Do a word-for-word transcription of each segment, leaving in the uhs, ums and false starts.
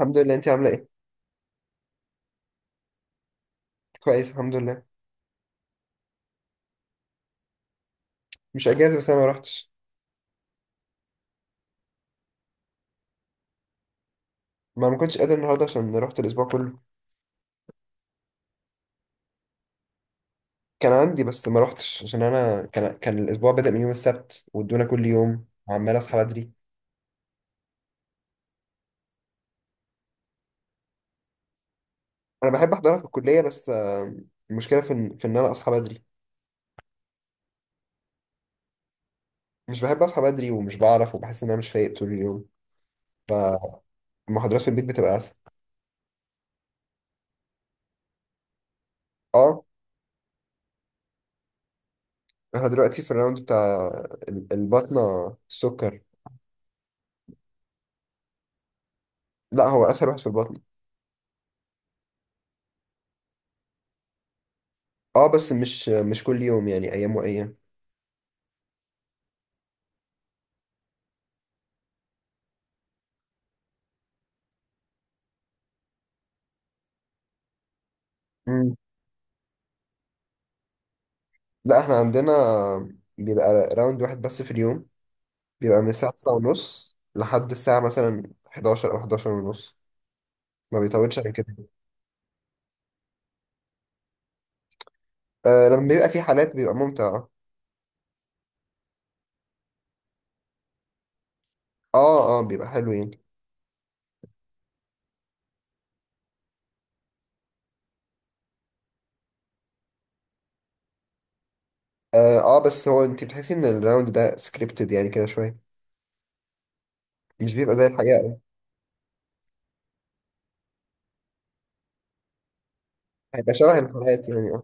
الحمد لله، انت عامله ايه؟ كويس، الحمد لله. مش اجازه، بس انا ما روحتش. ما ما كنتش قادر النهارده عشان رحت الاسبوع كله. كان عندي، بس ما روحتش عشان انا كان كان الاسبوع بدأ من يوم السبت، وادونا كل يوم وعمال اصحى بدري. انا بحب احضرها في الكليه، بس آه، المشكله في ان في ان انا اصحى بدري. مش بحب اصحى بدري، ومش بعرف، وبحس ان انا مش فايق طول اليوم. فالمحاضرات في البيت بتبقى اسهل. اه. احنا دلوقتي في الراوند بتاع ال- البطنه، السكر. لا، هو اسهل واحد في البطن. اه، بس مش مش كل يوم، يعني ايام وايام. لا، احنا عندنا بيبقى راوند واحد بس في اليوم. بيبقى من الساعة تسعة ونص لحد الساعة مثلا حداشر أو حداشر ونص. ما بيطولش عن كده. آه، لما بيبقى في حالات بيبقى ممتع، اه. اه، آه، بيبقى حلو يعني. اه، آه بس هو انت بتحسي ان الراوند ده سكريبتد يعني كده شوية. مش بيبقى زي الحقيقة أوي. هيبقى شبه الحلقات يعني، اه.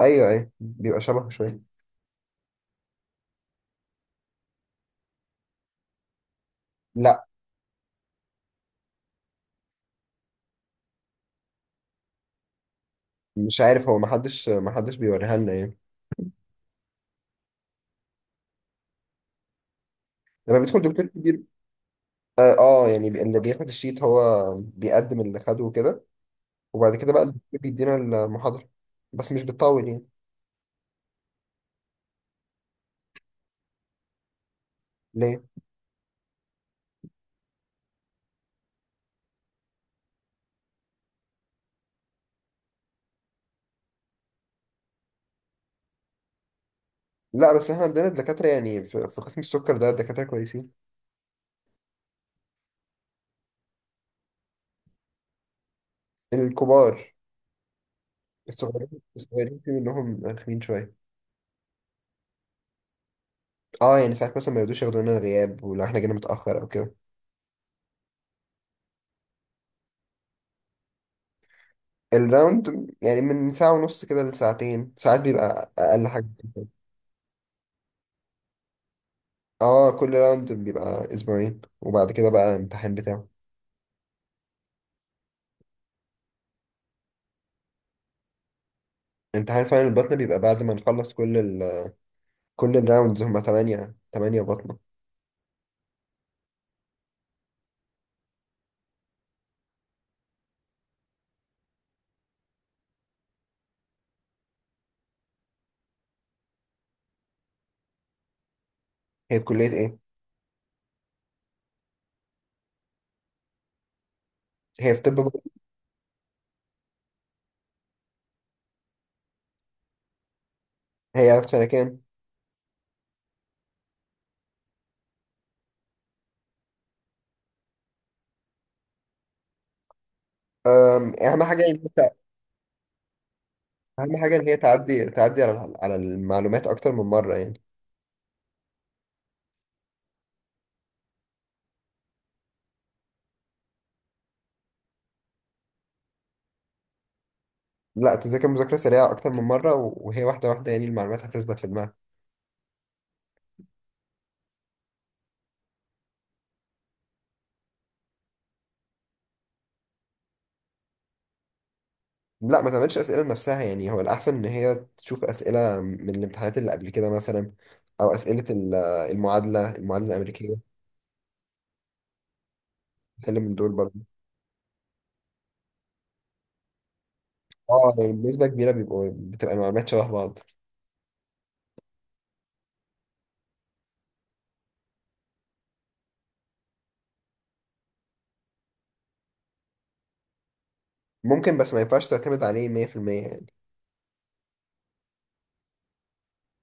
ايوه، ايوه، بيبقى شبه شوية. لا، مش عارف، هو محدش محدش بيوريها لنا يعني. لما بيدخل دكتور كبير. اه، آه يعني بي- اللي بياخد الشيت هو بيقدم اللي خده وكده. وبعد كده بقى الدكتور بيدينا المحاضرة، بس مش بتطول يعني. ليه؟ لا، بس احنا عندنا دكاترة يعني في, في قسم السكر ده دكاترة كويسين. الكبار. الصغيرين الصغيرين في منهم رخمين شوية. اه، يعني ساعات مثلا ما يرضوش ياخدوا لنا الغياب، ولو احنا جينا متأخر او كده. الراوند يعني من ساعة ونص كده لساعتين، ساعات بيبقى أقل حاجة. اه، كل راوند بيبقى أسبوعين، وبعد كده بقى امتحان بتاعه. امتحان فعلا البطنة بيبقى بعد ما نخلص كل ال كل الراوندز، هما تمانية تمانية بطنة. هي في كلية ايه؟ هي في طب برضه. هي في سنة كام؟ أم، أهم حاجة إن أنت. أهم حاجة إن هي تعدي تعدي على الح- على المعلومات أكتر من مرة يعني. لا، تذاكر مذاكرة سريعة أكتر من مرة، و- وهي واحدة واحدة، يعني المعلومات هتثبت في دماغك. لا، ما تعملش أسئلة لنفسها، يعني هو الأحسن إن هي تشوف أسئلة من الامتحانات اللي قبل كده مثلا، أو أسئلة ال- المعادلة المعادلة الأمريكية. تتكلم من دول برضه. أه، يعني بنسبة كبيرة بيبقوا بتبقى المعلومات شبه بعض. ممكن، بس ما ينفعش تعتمد عليه ميه في الميه يعني،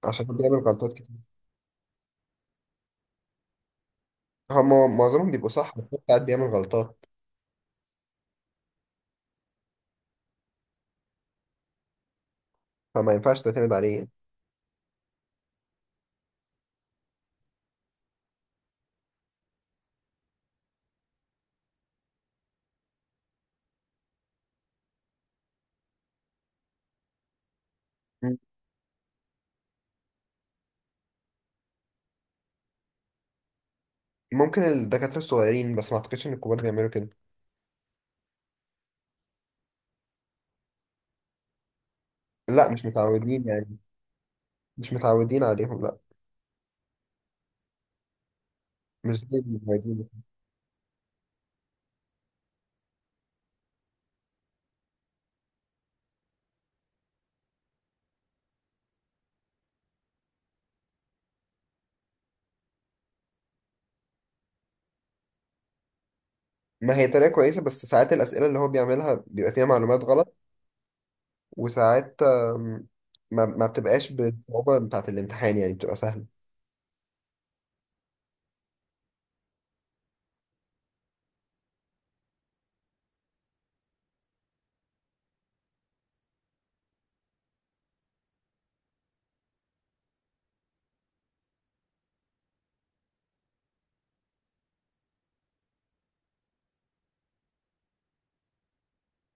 عشان بيعمل غلطات. هما معظمهم بيبقوا صح، بس هو ساعات بيعمل غلطات، فما ينفعش تعتمد عليه يعني. مم. ممكن الدكاترة الصغيرين، بس ما اعتقدش ان الكبار بيعملوا كده. لا، مش متعودين يعني. مش متعودين عليهم، لا. مش زي المتعودين. ما هي طريقة كويسة، بس ساعات الأسئلة اللي هو بيعملها بيبقى فيها معلومات غلط. وساعات، آم، ما, ما بتبقاش بالصعوبة بتاعة الامتحان، يعني بتبقى سهلة.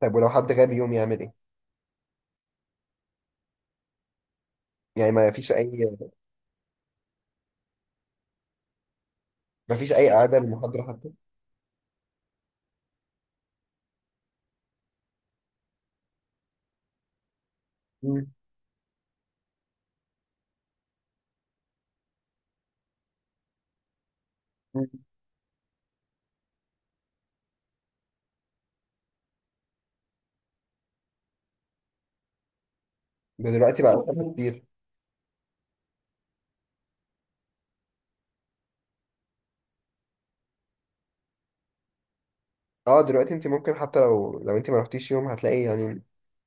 طيب، ولو حد غاب يوم يعمل ايه؟ يعني ما فيش أي. ما فيش أي إعادة للمحاضرة حتى. مم. مم. ده دلوقتي بقى أسهل كتير. اه، دلوقتي انت ممكن حتى لو لو انت ما رحتيش يوم هتلاقي يعني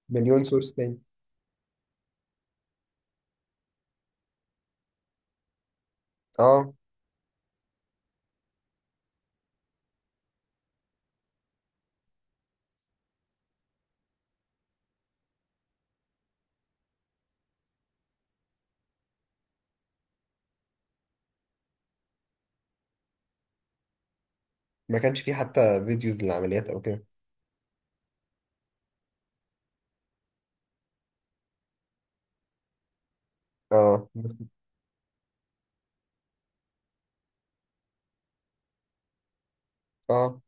مليون سورس تاني. اه. ما كانش فيه حتى فيديوز للعمليات او كده؟ اه، بس. اه.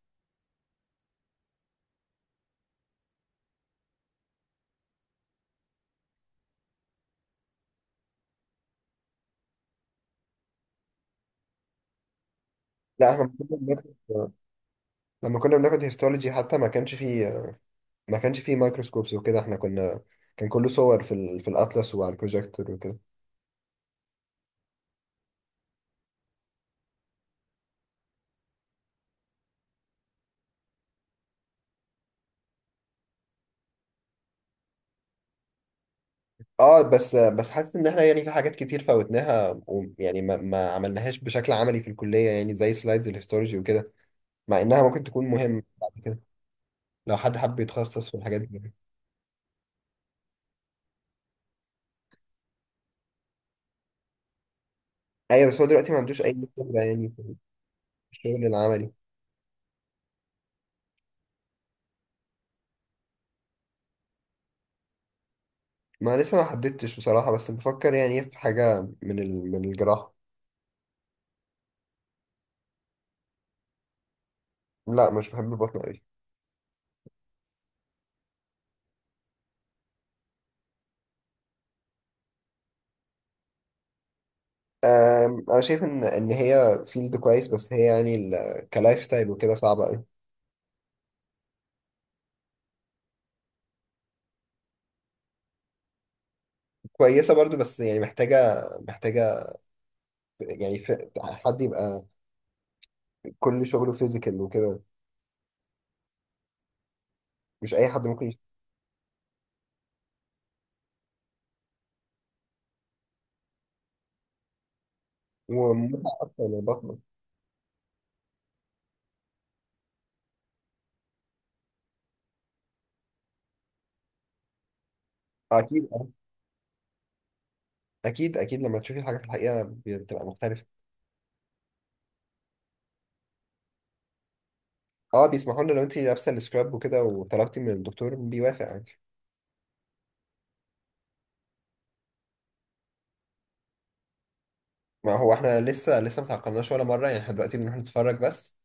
لا، احنا كنا بناخد. لما كنا بناخد هيستولوجي حتى ما كانش فيه. ما كانش فيه مايكروسكوبس وكده، احنا كنا كان كله صور في ال... في الاطلس وعلى البروجيكتور وكده. اه، بس بس حاسس ان احنا يعني في حاجات كتير فوتناها، ويعني ما... ما عملناهاش بشكل عملي في الكلية، يعني زي سلايدز الهيستولوجي وكده. مع انها ممكن تكون مهمة بعد كده، لو حد حب يتخصص في الحاجات دي. ايوه، بس هو دلوقتي ما عندوش اي خبره يعني في الشغل العملي. ما لسه ما حددتش بصراحه، بس بفكر يعني في حاجه من ال... من الجراحه. لا، مش بحب البطن قوي. أم، انا شايف ان ان هي فيلد كويس، بس هي يعني ال... كلايف ستايل وكده صعبه قوي. كويسه برضو، بس يعني محتاجه، محتاجه، يعني في حد يبقى كل شغله فيزيكال وكده، مش اي حد ممكن يشتغل. ومتعه اكتر من البطن. اكيد، أه. اكيد، اكيد، لما تشوفي الحاجه في الحقيقه بتبقى مختلفه. اه، بيسمحوا لنا لو انت لابسه السكراب وكده وطلبتي من الدكتور بيوافق عادي. ما هو احنا لسه لسه ما تعقمناش ولا مره، يعني احنا دلوقتي بنروح نتفرج بس.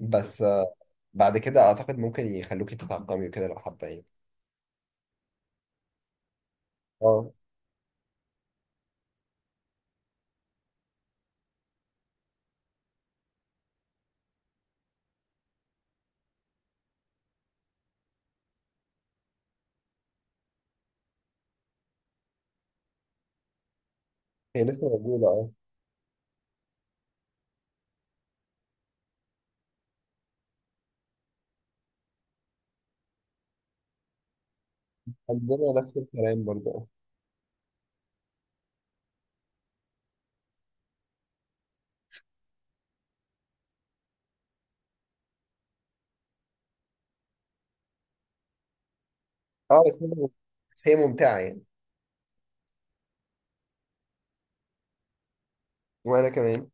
بس آه، بعد كده اعتقد ممكن يخلوكي تتعقمي وكده لو حابه يعني. اه، هي لسه موجوده، اه. عندنا نفس الكلام برضه، اه. اه، بس هي، بس هي ممتعه يعني. وانا كمان.